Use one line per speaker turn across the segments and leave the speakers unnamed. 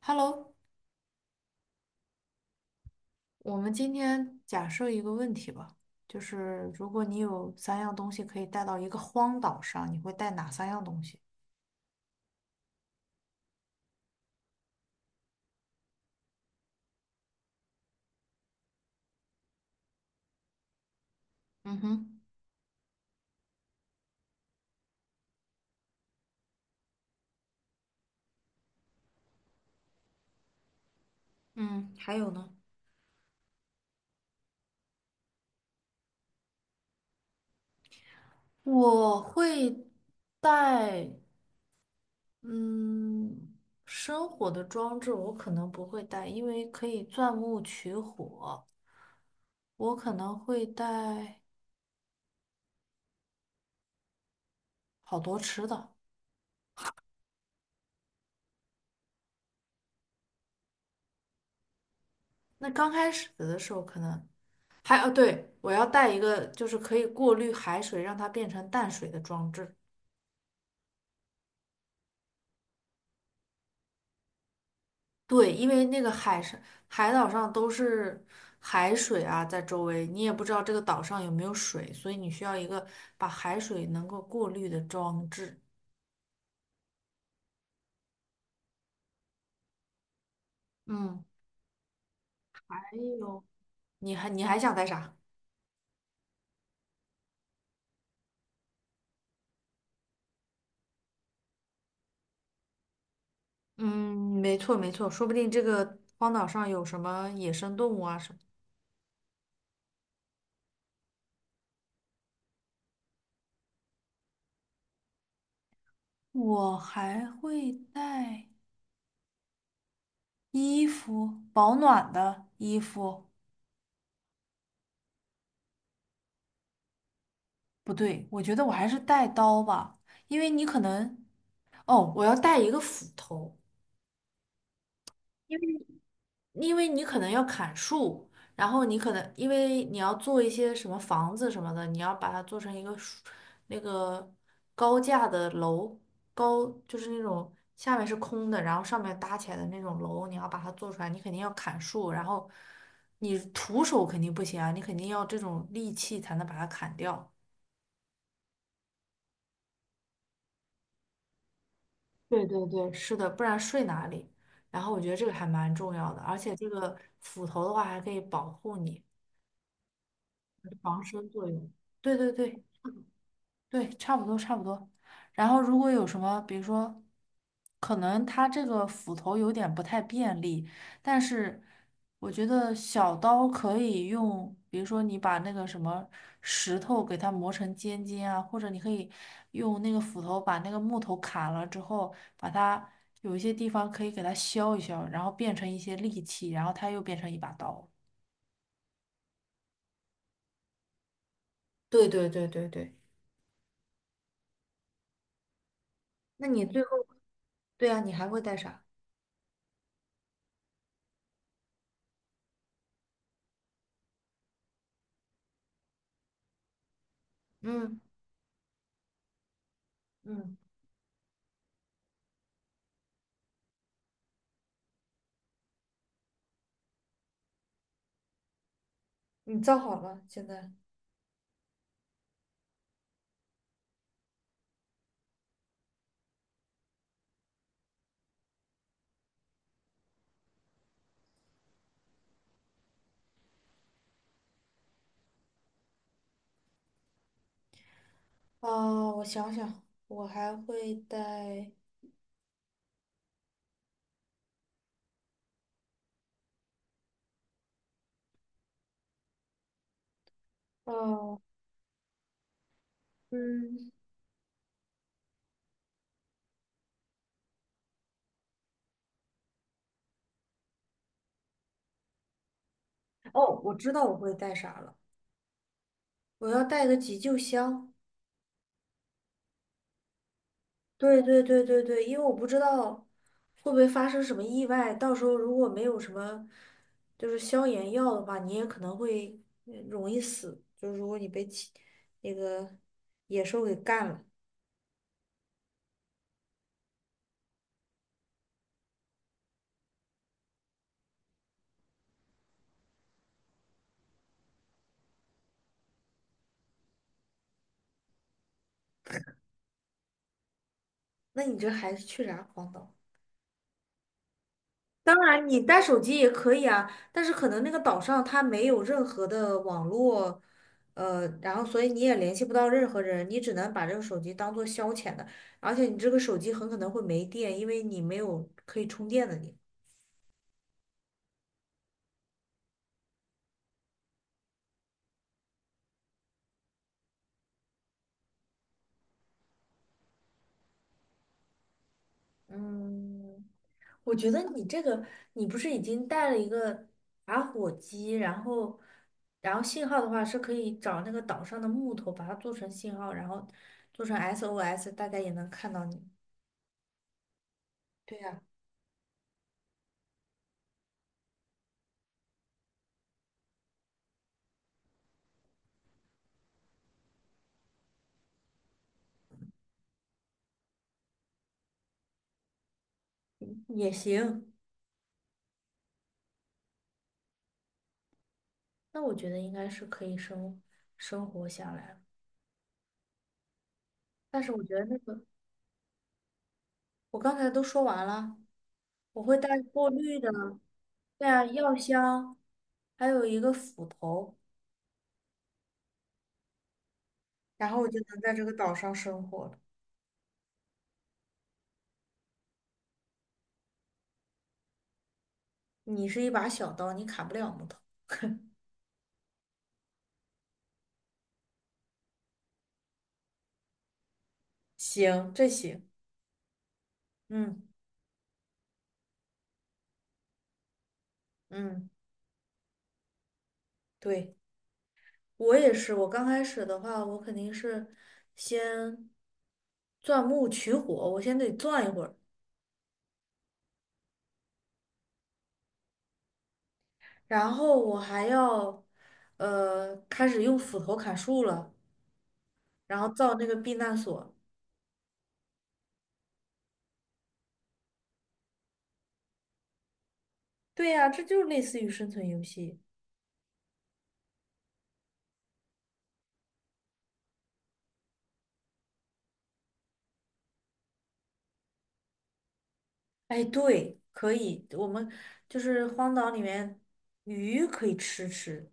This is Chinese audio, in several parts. Hello，我们今天假设一个问题吧，就是如果你有三样东西可以带到一个荒岛上，你会带哪三样东西？嗯哼。嗯，还有呢？我会带，嗯，生火的装置我可能不会带，因为可以钻木取火。我可能会带好多吃的。那刚开始的时候可能还哦，对，我要带一个就是可以过滤海水，让它变成淡水的装置。对，因为那个海上海岛上都是海水啊，在周围，你也不知道这个岛上有没有水，所以你需要一个把海水能够过滤的装置。嗯，还有，你还想带啥？嗯，没错没错，说不定这个荒岛上有什么野生动物啊什么。我还会带衣服，保暖的衣服，不对，我觉得我还是带刀吧，因为你可能，哦，我要带一个斧头，因为你可能要砍树，然后你可能因为你要做一些什么房子什么的，你要把它做成一个树那个高架的楼，高就是那种下面是空的，然后上面搭起来的那种楼，你要把它做出来，你肯定要砍树，然后你徒手肯定不行啊，你肯定要这种利器才能把它砍掉。对对对，是的，不然睡哪里？然后我觉得这个还蛮重要的，而且这个斧头的话还可以保护你，防身作用。对对对，对，差不多差不多。然后如果有什么，比如说，可能它这个斧头有点不太便利，但是我觉得小刀可以用，比如说你把那个什么石头给它磨成尖尖啊，或者你可以用那个斧头把那个木头砍了之后，把它有一些地方可以给它削一削，然后变成一些利器，然后它又变成一把刀。对对对对对，那你最后，对啊，你还会带啥？嗯嗯。你造好了，现在啊，我想想，我还会带哦，嗯，哦，我知道我会带啥了，我要带个急救箱。对对对对对，因为我不知道会不会发生什么意外，到时候如果没有什么就是消炎药的话，你也可能会容易死，就是如果你被其那个野兽给干了，那你这还去啥荒岛？当然，你带手机也可以啊，但是可能那个岛上它没有任何的网络，然后所以你也联系不到任何人，你只能把这个手机当做消遣的，而且你这个手机很可能会没电，因为你没有可以充电的你。嗯，我觉得你这个，你不是已经带了一个打火机，然后，然后信号的话是可以找那个岛上的木头，把它做成信号，然后做成 SOS，大家也能看到你。对呀。也行，那我觉得应该是可以生活下来。但是我觉得那个，我刚才都说完了，我会带过滤的，对啊，药箱，还有一个斧头，然后我就能在这个岛上生活了。你是一把小刀，你砍不了木头。行，这行，嗯嗯，对，我也是。我刚开始的话，我肯定是先钻木取火，我先得钻一会儿。然后我还要开始用斧头砍树了，然后造那个避难所。对呀，这就类似于生存游戏。哎，对，可以，我们就是荒岛里面鱼可以吃吃。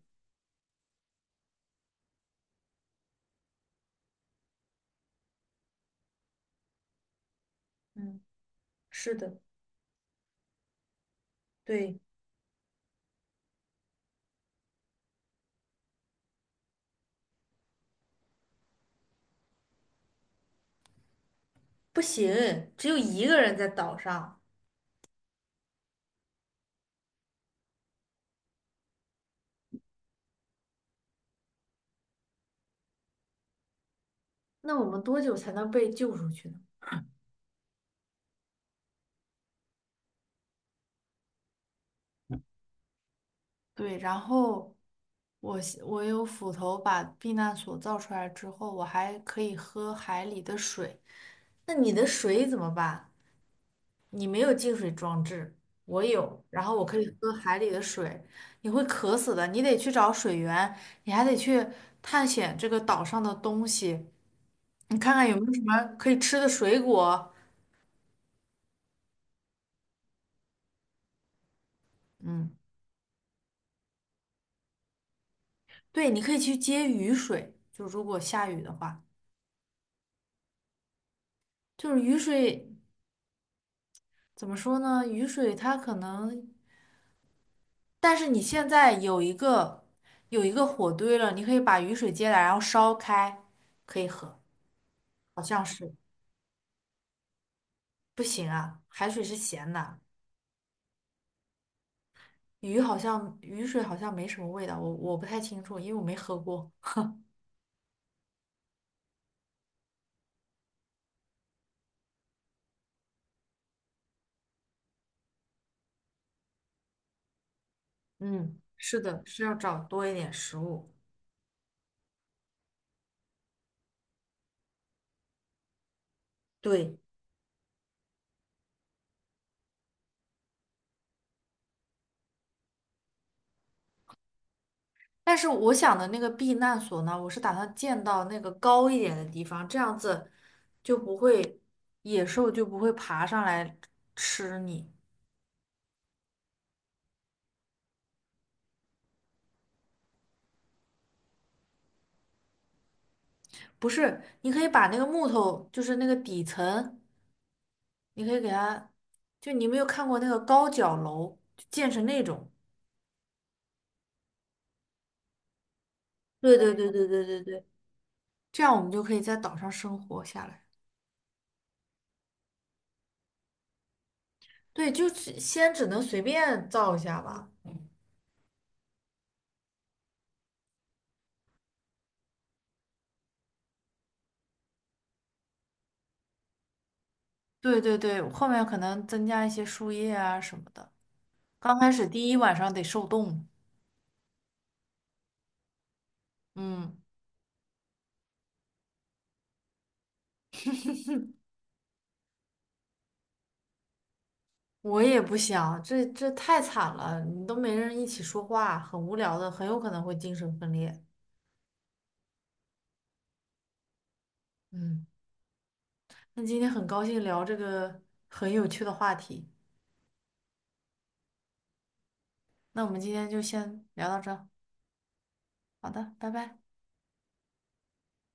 嗯，是的，对，不行，只有一个人在岛上，那我们多久才能被救出去呢？对，然后我有斧头把避难所造出来之后，我还可以喝海里的水。那你的水怎么办？你没有净水装置，我有，然后我可以喝海里的水，你会渴死的。你得去找水源，你还得去探险这个岛上的东西，你看看有没有什么可以吃的水果。嗯，对，你可以去接雨水，就如果下雨的话，就是雨水。怎么说呢？雨水它可能但是你现在有一个火堆了，你可以把雨水接来，然后烧开，可以喝。好像是不行啊，海水是咸的，鱼好像雨水好像没什么味道，我不太清楚，因为我没喝过。嗯，是的，是要找多一点食物。对，但是我想的那个避难所呢，我是打算建到那个高一点的地方，这样子就不会野兽就不会爬上来吃你。不是，你可以把那个木头，就是那个底层，你可以给它，就你没有看过那个高脚楼，就建成那种，对对对对对对对，这样我们就可以在岛上生活下来。对，就是先只能随便造一下吧。对对对，后面可能增加一些树叶啊什么的。刚开始第一晚上得受冻，嗯，我也不想，这这太惨了，你都没人一起说话，很无聊的，很有可能会精神分裂。嗯。那今天很高兴聊这个很有趣的话题，那我们今天就先聊到这儿好的，拜拜。